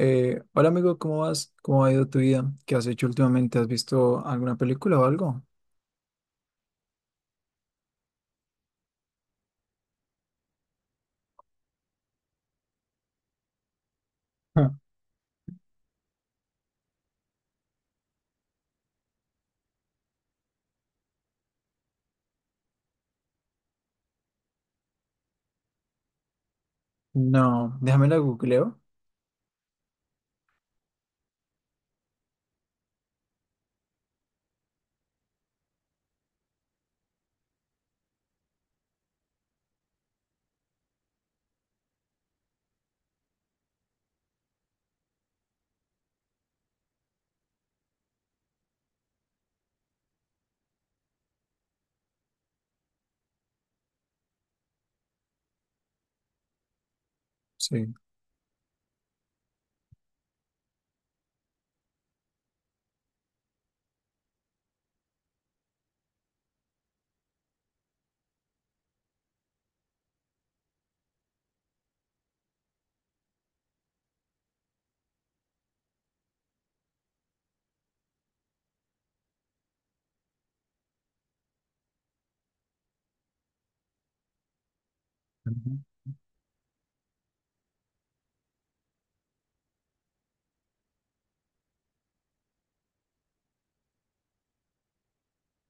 Hola amigo, ¿cómo vas? ¿Cómo ha ido tu vida? ¿Qué has hecho últimamente? ¿Has visto alguna película o algo? Ah. No, déjame la googleo. Sí. Ujú.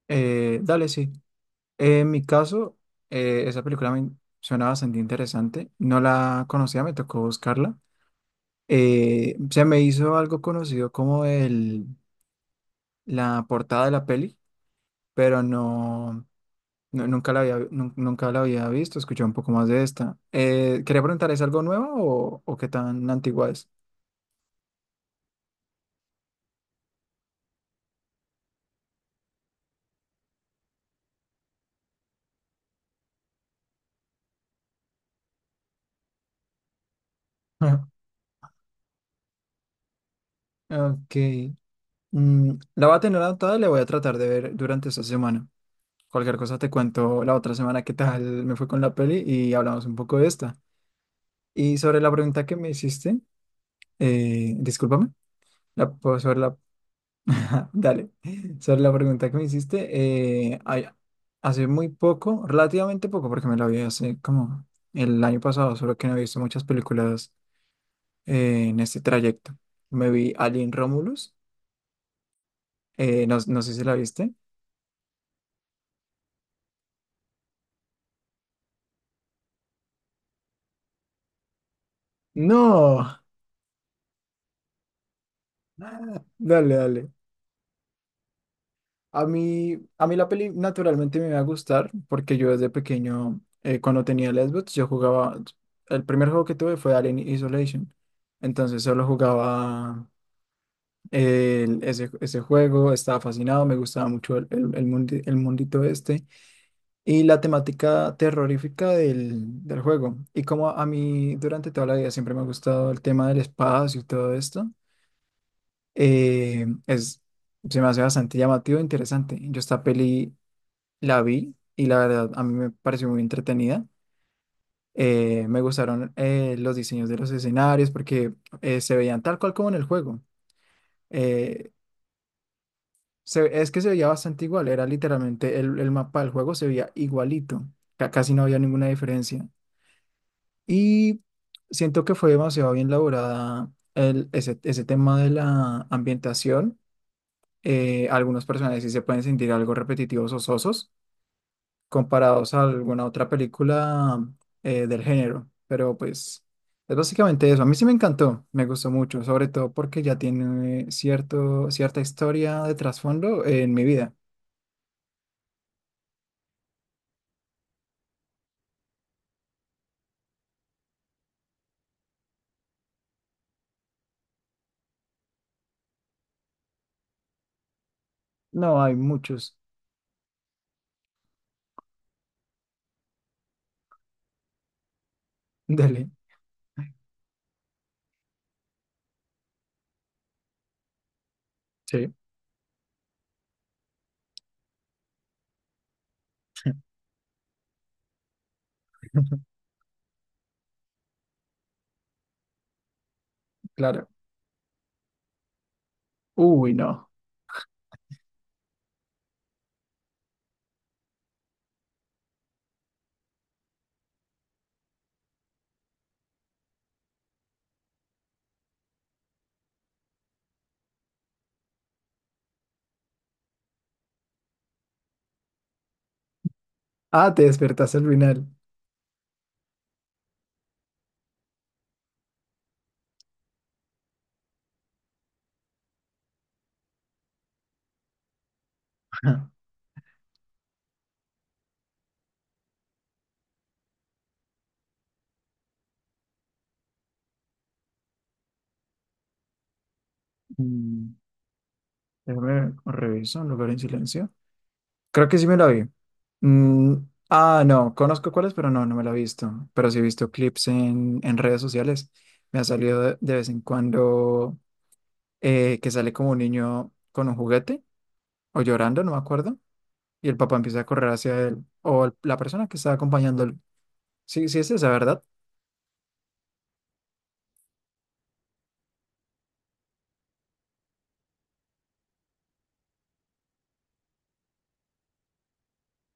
Dale, sí. En mi caso, esa película me suena bastante interesante. No la conocía, me tocó buscarla. Se me hizo algo conocido como la portada de la peli, pero no. No, nunca la había visto, escuché un poco más de esta. Quería preguntar, ¿es algo nuevo o qué tan antigua es? Ah. Ok. La voy a tener anotada y la voy a tratar de ver durante esta semana. Cualquier cosa te cuento la otra semana qué tal me fue con la peli y hablamos un poco de esta. Y sobre la pregunta que me hiciste, discúlpame. La, pues, sobre la Dale, sobre la pregunta que me hiciste, hace muy poco, relativamente poco, porque me la vi hace como el año pasado, solo que no he visto muchas películas en este trayecto. Me vi Alien Romulus, no, no sé si la viste. No, dale, dale. A mí la peli naturalmente me va a gustar, porque yo desde pequeño, cuando tenía Xbox, yo jugaba, el primer juego que tuve fue Alien Isolation, entonces solo jugaba... ese juego, estaba fascinado, me gustaba mucho el mundito este y la temática terrorífica del juego. Y como a mí durante toda la vida siempre me ha gustado el tema del espacio y todo esto, eh, es, se me hace bastante llamativo e interesante. Yo esta peli la vi y la verdad a mí me pareció muy entretenida. Me gustaron los diseños de los escenarios porque se veían tal cual como en el juego. Eh, es que se veía bastante igual, era literalmente el mapa del juego, se veía igualito, casi no había ninguna diferencia. Y siento que fue demasiado bien elaborada ese tema de la ambientación. Algunos personajes sí se pueden sentir algo repetitivos o sosos comparados a alguna otra película del género, pero pues es básicamente eso. A mí sí me encantó, me gustó mucho, sobre todo porque ya tiene cierta historia de trasfondo en mi vida. No, hay muchos. Dele. Sí, claro. Uy, no. Ah, te despertaste al final. Ajá. Mm, Déjame reviso, un lugar en silencio. Creo que sí me la vi. Mm, ah, no, conozco cuáles, pero no, no me la he visto. Pero sí he visto clips en redes sociales. Me ha salido de vez en cuando, que sale como un niño con un juguete o llorando, no me acuerdo. Y el papá empieza a correr hacia él o la persona que está acompañándolo. Sí, sí es esa, ¿verdad?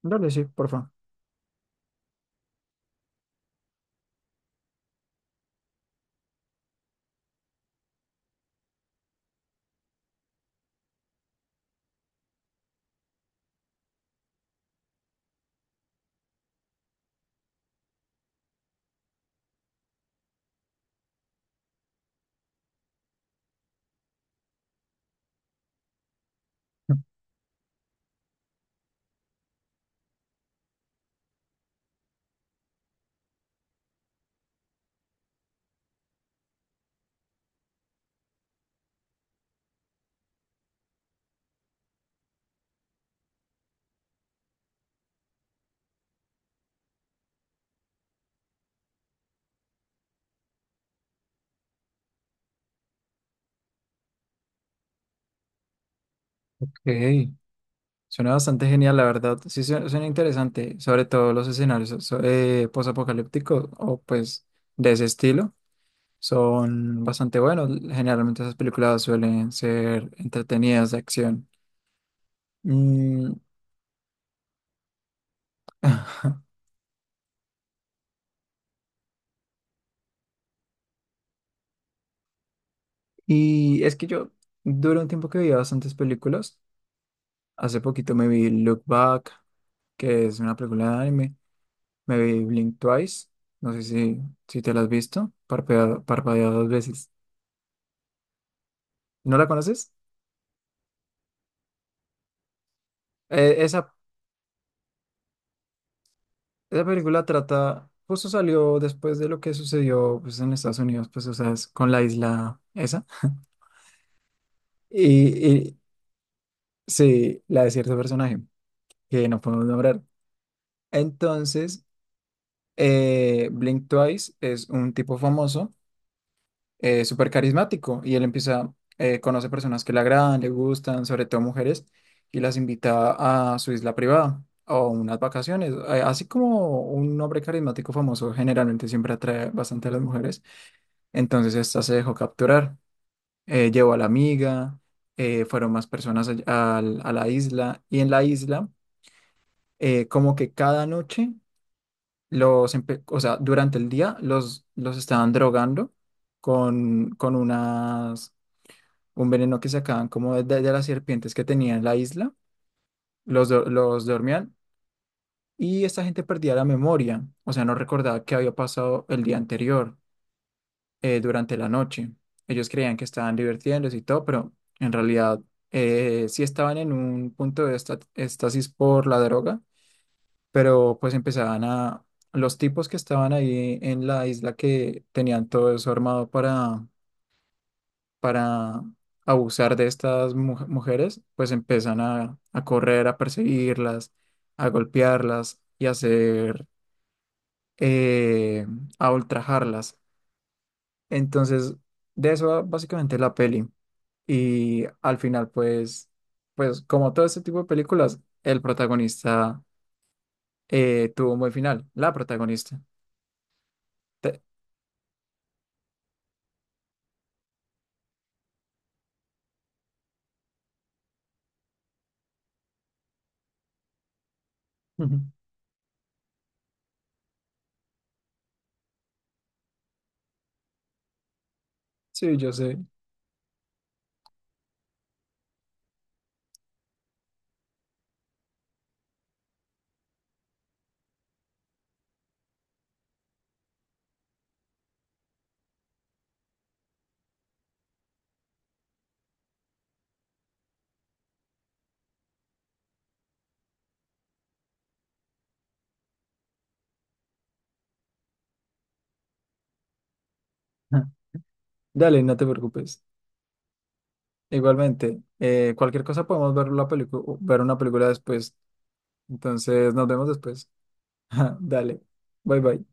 Dale, sí, por favor. Ok, suena bastante genial, la verdad. Sí, suena interesante, sobre todo los escenarios posapocalípticos, o pues de ese estilo. Son bastante buenos. Generalmente esas películas suelen ser entretenidas, de acción. Mm. Y es que yo duré un tiempo que veía bastantes películas. Hace poquito me vi Look Back, que es una película de anime. Me vi Blink Twice. No sé si te la has visto. Parpadea, parpadea dos veces. ¿No la conoces? Eh, esa, esa película trata, justo salió después de lo que sucedió, pues, en Estados Unidos, pues, o sea, es con la isla esa. Y sí, la de cierto personaje que no podemos nombrar. Entonces, Blink Twice es un tipo famoso, súper carismático, y él empieza, conoce personas que le agradan, le gustan, sobre todo mujeres, y las invita a su isla privada. O unas vacaciones. Así como un hombre carismático famoso generalmente siempre atrae bastante a las mujeres. Entonces esta se dejó capturar, llevó a la amiga, fueron más personas la isla, y en la isla, como que cada noche o sea, durante el día los estaban drogando con un veneno que sacaban como de las serpientes que tenían en la isla, los dormían, y esta gente perdía la memoria, o sea, no recordaba qué había pasado el día anterior, durante la noche. Ellos creían que estaban divirtiéndose y todo, pero en realidad sí estaban en un punto de estasis por la droga, pero pues empezaban a... Los tipos que estaban ahí en la isla, que tenían todo eso armado para abusar de estas mujeres, pues empiezan a correr, a perseguirlas, a golpearlas y eh, a ultrajarlas. Entonces, de eso va básicamente la peli. Y al final, pues, como todo este tipo de películas, el protagonista, tuvo un buen final, la protagonista. Te- Ujú. Sí, yo sé. Ajá. Dale, no te preocupes. Igualmente, cualquier cosa, podemos ver la película, ver una película después. Entonces, nos vemos después. Dale. Bye bye.